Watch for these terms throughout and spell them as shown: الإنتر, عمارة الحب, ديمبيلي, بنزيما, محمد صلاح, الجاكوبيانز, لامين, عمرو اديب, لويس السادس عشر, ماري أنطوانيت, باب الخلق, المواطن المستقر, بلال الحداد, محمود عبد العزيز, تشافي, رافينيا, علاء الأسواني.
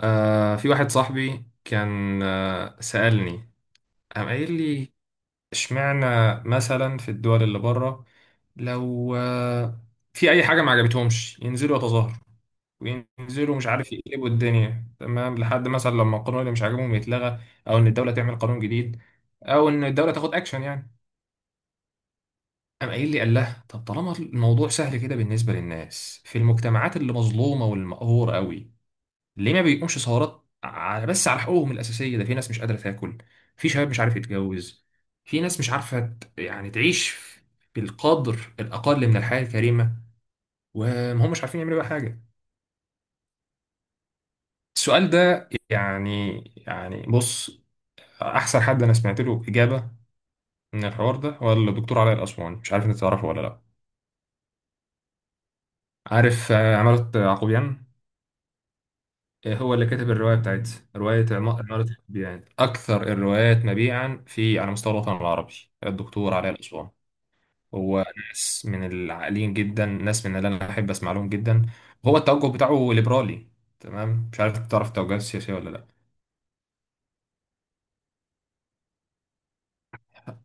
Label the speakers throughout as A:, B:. A: في واحد صاحبي كان سألني، قام قايل لي: اشمعنى مثلا في الدول اللي بره لو في أي حاجة ما عجبتهمش ينزلوا يتظاهروا وينزلوا مش عارف يقلبوا الدنيا، تمام، لحد مثلا لما القانون اللي مش عاجبهم يتلغى، أو إن الدولة تعمل قانون جديد، أو إن الدولة تاخد أكشن يعني. قام قايل لي، قال له: طب طالما الموضوع سهل كده بالنسبة للناس في المجتمعات اللي مظلومة والمقهورة قوي، ليه ما بيقومش ثورات بس على حقوقهم الأساسية؟ ده في ناس مش قادرة تاكل، في شباب مش عارف يتجوز، في ناس مش عارفة يعني تعيش بالقدر الأقل من الحياة الكريمة، وما هم مش عارفين يعملوا بقى حاجة. السؤال ده يعني. يعني بص، أحسن حد أنا سمعت له إجابة من الحوار ده هو الدكتور علاء الأسواني، مش عارف أنت تعرفه ولا لأ؟ عارف، عمالة يعقوبيان. هو اللي كتب الرواية بتاعتها، رواية عمارة الحب، يعني أكثر الروايات مبيعا في على مستوى الوطن العربي. الدكتور علي الأسوان هو ناس من العاقلين جدا، ناس من اللي أنا أحب أسمع لهم جدا. هو التوجه بتاعه ليبرالي، تمام؟ مش عارف تعرف التوجهات السياسية ولا لأ؟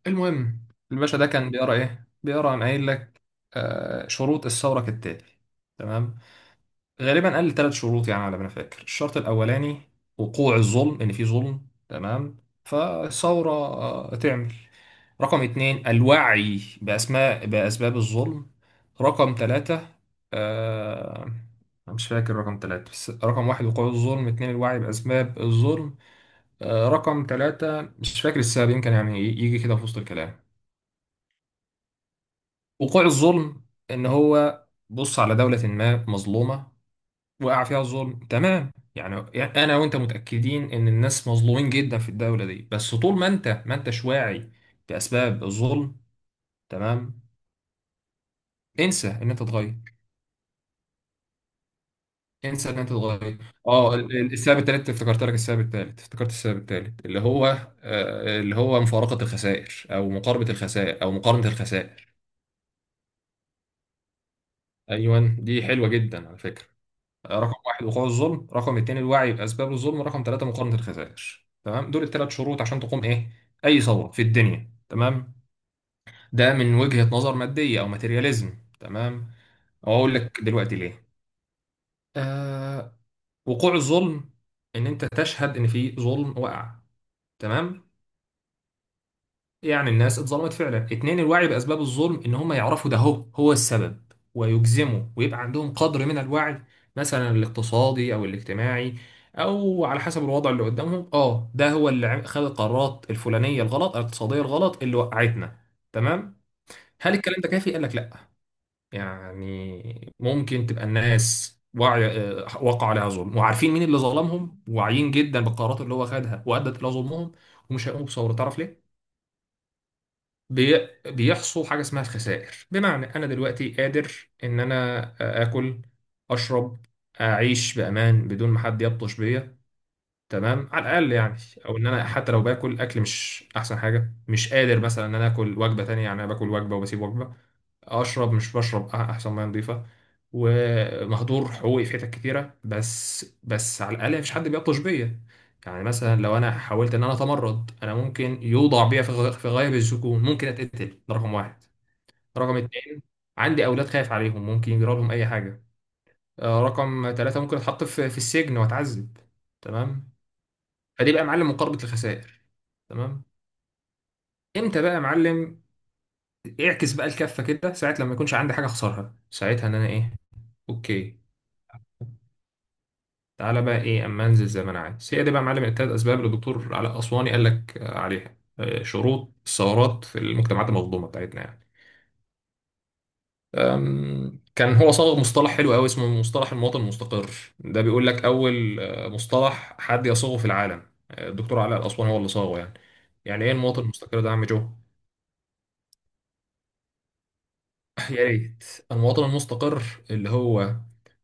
A: المهم، الباشا ده كان بيقرأ إيه؟ بيقرأ، عن قايل لك شروط الثورة كالتالي، تمام. غالبا قال ثلاث شروط، يعني على ما انا فاكر. الشرط الاولاني: وقوع الظلم، ان في ظلم، تمام، فثوره تعمل. رقم اتنين: الوعي بأسباب الظلم. رقم تلاتة، آه مش فاكر رقم تلاتة. بس رقم واحد وقوع الظلم، اتنين الوعي بأسباب الظلم، رقم تلاتة مش فاكر السبب، يمكن يعني يجي كده في وسط الكلام. وقوع الظلم، إن هو بص على دولة ما مظلومة وقع فيها الظلم، تمام. يعني انا وانت متاكدين ان الناس مظلومين جدا في الدوله دي، بس طول ما انت ما انتش واعي باسباب الظلم، تمام، انسى ان انت تتغير. انسى ان انت تتغير. اه، السبب الثالث افتكرت لك، السبب الثالث افتكرت، السبب الثالث اللي هو اللي هو مفارقه الخسائر، او مقاربه الخسائر، او مقارنه الخسائر. ايوه دي حلوه جدا على فكره. رقم واحد وقوع الظلم، رقم اتنين الوعي بأسباب الظلم، رقم ثلاثة مقاومة الخسائر، تمام، دول الثلاث شروط عشان تقوم ايه؟ أي ثورة في الدنيا، تمام. ده من وجهة نظر مادية أو ماتيرياليزم، تمام. وأقول لك دلوقتي ليه. آه. وقوع الظلم، إن أنت تشهد إن في ظلم وقع، تمام، يعني الناس اتظلمت فعلا. اتنين: الوعي بأسباب الظلم، ان هم يعرفوا ده هو السبب ويجزموا، ويبقى عندهم قدر من الوعي، مثلا الاقتصادي او الاجتماعي، او على حسب الوضع اللي قدامهم. اه، ده هو اللي خد القرارات الفلانية الغلط، الاقتصادية الغلط اللي وقعتنا، تمام. هل الكلام ده كافي؟ قال لك لا. يعني ممكن تبقى الناس وعي، وقع عليها ظلم، وعارفين مين اللي ظلمهم، واعيين جدا بالقرارات اللي هو خدها وادت الى ظلمهم، ومش هيقوموا بثورة. تعرف ليه؟ بيحصل حاجة اسمها الخسائر. بمعنى أنا دلوقتي قادر إن أنا آكل، أشرب، أعيش بأمان بدون ما حد يبطش بيا، تمام، على الاقل يعني. او ان انا حتى لو باكل اكل مش احسن حاجه، مش قادر مثلا ان انا اكل وجبه تانية، يعني انا باكل وجبه وبسيب وجبه. اشرب، مش بشرب احسن ميه نظيفه، ومهدور حقوقي في حتت كتيره، بس على الاقل مفيش حد بيبطش بيا. يعني مثلا لو انا حاولت ان انا اتمرد، انا ممكن يوضع بيا في في غايب الزكون، ممكن اتقتل، ده رقم واحد. رقم اتنين: عندي اولاد خايف عليهم، ممكن يجرى لهم اي حاجه. رقم ثلاثة: ممكن اتحط في السجن واتعذب، تمام. فدي بقى يا معلم مقاربه الخسائر، تمام. امتى بقى يا معلم؟ اعكس بقى الكفه كده، ساعه لما يكونش عندي حاجه اخسرها، ساعتها ان انا ايه. اوكي، تعالى بقى ايه، اما انزل زي ما انا عايز. هي دي بقى يا معلم التلات اسباب اللي الدكتور علاء اسواني قال لك عليها، شروط الثورات في المجتمعات المظلومه بتاعتنا يعني. كان هو صاغ مصطلح حلو قوي اسمه مصطلح المواطن المستقر. ده بيقول لك اول مصطلح حد يصوغه في العالم، الدكتور علاء الاسواني هو اللي صاغه يعني. يعني ايه المواطن المستقر ده يا عم جو؟ يا ريت. المواطن المستقر، اللي هو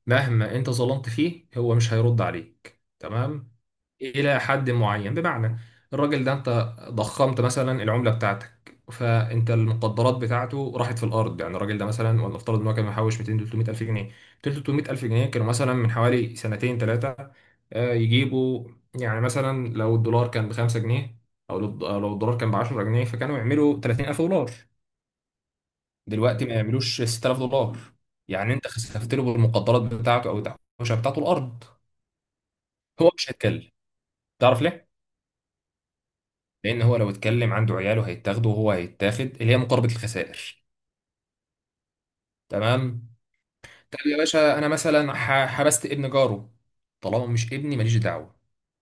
A: مهما انت ظلمت فيه هو مش هيرد عليك، تمام، الى حد معين. بمعنى، الراجل ده انت ضخمت مثلا العمله بتاعتك، فانت المقدرات بتاعته راحت في الارض. يعني الراجل ده مثلا، ولنفترض ان هو كان محوش 200 300 الف جنيه، 200 300 الف جنيه كانوا مثلا من حوالي سنتين ثلاثه يجيبوا، يعني مثلا لو الدولار كان ب 5 جنيه، أو لو الدولار كان ب 10 جنيه، فكانوا يعملوا 30,000 دولار. دلوقتي ما يعملوش 6000 دولار. يعني انت خسفت له بالمقدرات بتاعته او التحويشه بتاعته الارض، هو مش هيتكلم. تعرف ليه؟ لان هو لو اتكلم عنده عياله هيتاخدوا، وهو هيتاخد، اللي هي مقاربه الخسائر، تمام. طب يا باشا، انا مثلا حبست ابن جاره، طالما مش ابني ماليش دعوه،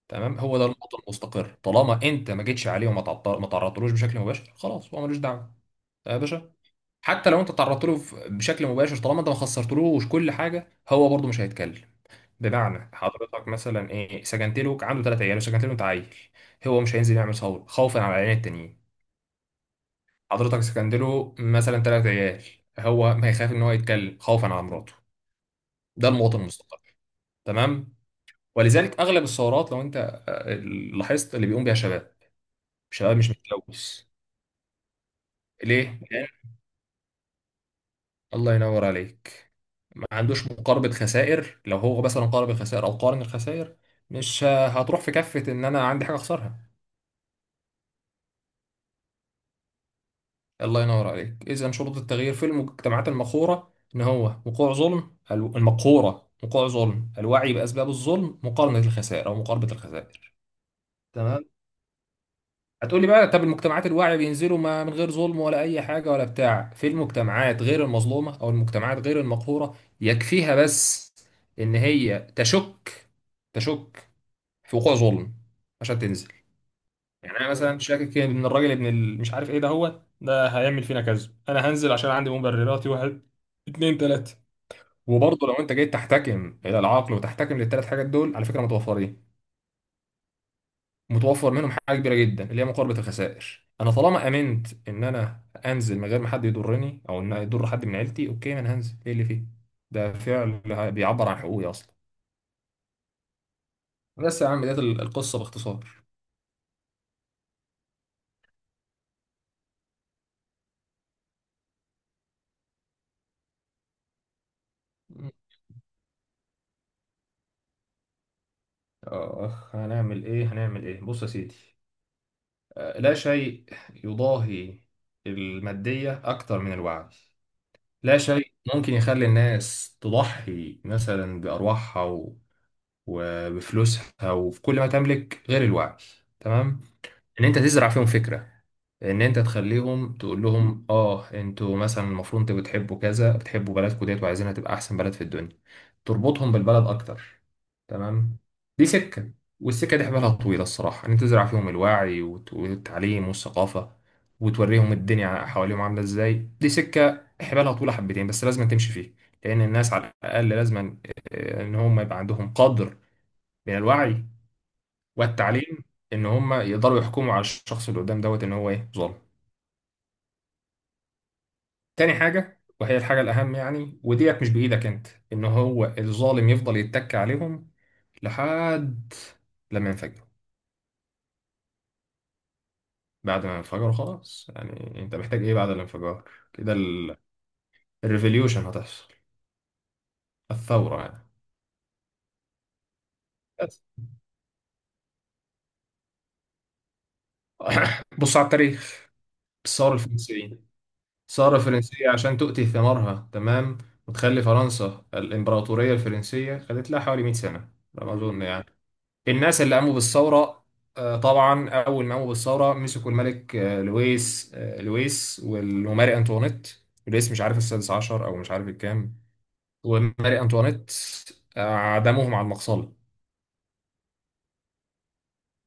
A: تمام. هو ده النقطه المستقر، طالما انت ما جيتش عليه ما تعرضتلوش بشكل مباشر، خلاص هو ملوش دعوه يا باشا. حتى لو انت تعرضت له بشكل مباشر، طالما انت ما خسرتلوش كل حاجه، هو برضه مش هيتكلم. بمعنى، حضرتك مثلا ايه سكنت له عنده ثلاث عيال وسكنت له انت عيل، هو مش هينزل يعمل ثوره خوفا على العيالين التانيين. حضرتك سكنت له مثلا ثلاث عيال، هو ما يخاف ان هو يتكلم خوفا على مراته. ده المواطن المستقل، تمام. ولذلك اغلب الثورات، لو انت آه، لاحظت، اللي بيقوم بيها شباب، شباب مش متلوث. ليه؟ الله ينور عليك، ما عندوش مقاربة خسائر. لو هو مثلا قارب الخسائر او قارن الخسائر، مش هتروح في كفة ان انا عندي حاجة اخسرها. الله ينور عليك. إذا شروط التغيير في المجتمعات المقهورة إن هو وقوع ظلم، المقهورة، وقوع ظلم، الوعي بأسباب الظلم، مقارنة الخسائر أو مقاربة الخسائر، تمام. هتقولي بقى: طب المجتمعات الواعية بينزلوا ما من غير ظلم ولا أي حاجة ولا بتاع؟ في المجتمعات غير المظلومة أو المجتمعات غير المقهورة يكفيها بس إن هي تشك في وقوع ظلم عشان تنزل. يعني انا مثلا شاكك ان الراجل مش عارف ايه ده، هو ده هيعمل فينا كذا، انا هنزل عشان عندي مبرراتي: واحد، اتنين، تلاته. وبرضه لو انت جيت تحتكم الى العقل وتحتكم للثلاث حاجات دول، على فكره متوفرين. متوفر منهم حاجه كبيره جدا اللي هي مقاربه الخسائر. انا طالما امنت ان انا انزل من غير ما حد يضرني او ان يضر حد من عيلتي، اوكي، ما انا هنزل، ايه اللي فيه؟ ده فعل بيعبر عن حقوقي اصلا. بس يا عم ديت القصه باختصار. اخ، هنعمل ايه؟ هنعمل ايه؟ بص يا سيدي، لا شيء يضاهي المادية أكتر من الوعي. لا شيء ممكن يخلي الناس تضحي مثلا بأرواحها وبفلوسها وفي كل ما تملك غير الوعي، تمام. ان انت تزرع فيهم فكره، ان انت تخليهم، تقول لهم: اه، انتوا مثلا المفروض انتوا بتحبوا كذا، بتحبوا بلدكم ديت وعايزينها تبقى احسن بلد في الدنيا. تربطهم بالبلد اكتر، تمام. دي سكه، والسكه دي حبالها طويله الصراحه. ان انت تزرع فيهم الوعي والتعليم والثقافه، وتوريهم الدنيا حواليهم عامله ازاي. دي سكه حبالها طويله حبتين، بس لازم تمشي فيها. لان الناس على الاقل لازم ان هم يبقى عندهم قدر من الوعي والتعليم، ان هم يقدروا يحكموا على الشخص اللي قدام دوت ان هو ايه، ظالم. تاني حاجه، وهي الحاجه الاهم يعني، وديت مش بايدك انت، ان هو الظالم يفضل يتك عليهم لحد لما ينفجروا. بعد ما ينفجروا خلاص. يعني انت محتاج ايه بعد الانفجار؟ كده الريفوليوشن هتحصل، الثوره يعني. بس. بص على التاريخ، الثوره الفرنسيه. الثوره الفرنسيه عشان تؤتي ثمارها، تمام، وتخلي فرنسا الامبراطوريه الفرنسيه، خدت لها حوالي 100 سنه على ما اظن يعني. الناس اللي قاموا بالثورة، طبعا أول ما قاموا بالثورة مسكوا الملك، لويس والماري أنطوانيت. لويس مش عارف السادس عشر أو مش عارف الكام، وماري أنطوانيت، عدموهم على المقصلة.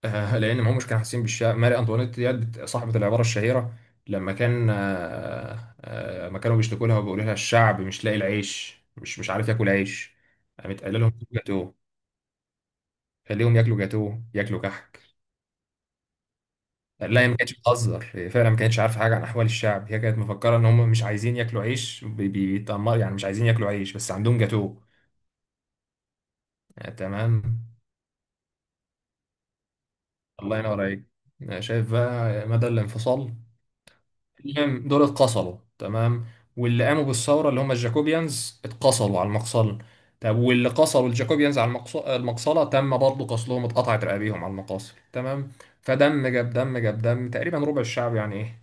A: لأن ما همش كانوا حاسين بالشعب. ماري أنطوانيت ديت صاحبة العبارة الشهيرة، لما كان ما كانوا بيشتكوا لها وبيقولوا لها الشعب مش لاقي العيش، مش عارف ياكل عيش، قامت قايله لهم: جاتوه، خليهم ياكلوا جاتوه، ياكلوا كحك. لا، هي ما كانتش بتهزر، هي فعلا ما كانتش عارفه حاجه عن احوال الشعب. هي كانت مفكره ان هم مش عايزين ياكلوا عيش بيتأمر يعني، مش عايزين ياكلوا عيش بس عندهم جاتوه، تمام. الله ينور عليك. شايف بقى مدى الانفصال. المهم، دول اتقصلوا، تمام، واللي قاموا بالثوره، اللي هم الجاكوبيانز، اتقصلوا على المقصله. طب واللي قصلوا الجاكوبيانز على المقصله، تم برضه قصلهم، اتقطعت رقابيهم على المقاصل، تمام. فدم جاب دم، جاب دم، تقريبا ربع الشعب يعني ايه،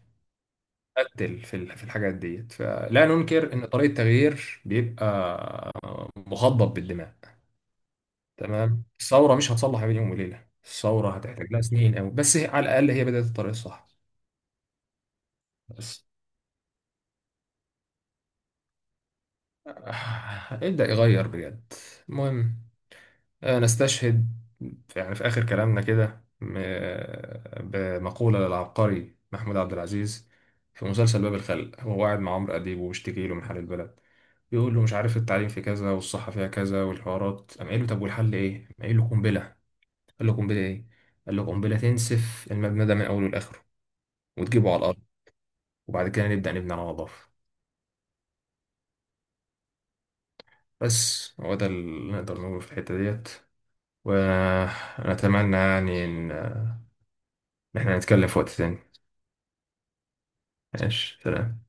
A: قتل في الحاجات ديت. فلا ننكر ان طريق التغيير بيبقى مخضب بالدماء، تمام. الثوره مش هتصلح بين يوم وليله، الثوره هتحتاج لها سنين قوي، بس على الاقل هي بدات الطريق الصح. بس ابدا يغير بجد. المهم، نستشهد يعني في اخر كلامنا كده بمقوله للعبقري محمود عبد العزيز في مسلسل باب الخلق. هو قاعد مع عمرو اديب وبيشتكي له من حال البلد، يقول له مش عارف التعليم في كذا والصحة فيها كذا والحوارات. قام قايل له: طب والحل ايه؟ قام قايل له: قنبلة. قال له: قنبلة ايه؟ قال له: قنبلة تنسف المبنى ده من أوله لآخره، وتجيبه على الأرض، وبعد كده نبدأ نبني على نظافة. بس هو ده اللي نقدر نقوله في الحتة ديت، ونتمنى يعني إن إحنا نتكلم في وقت تاني. ماشي، سلام.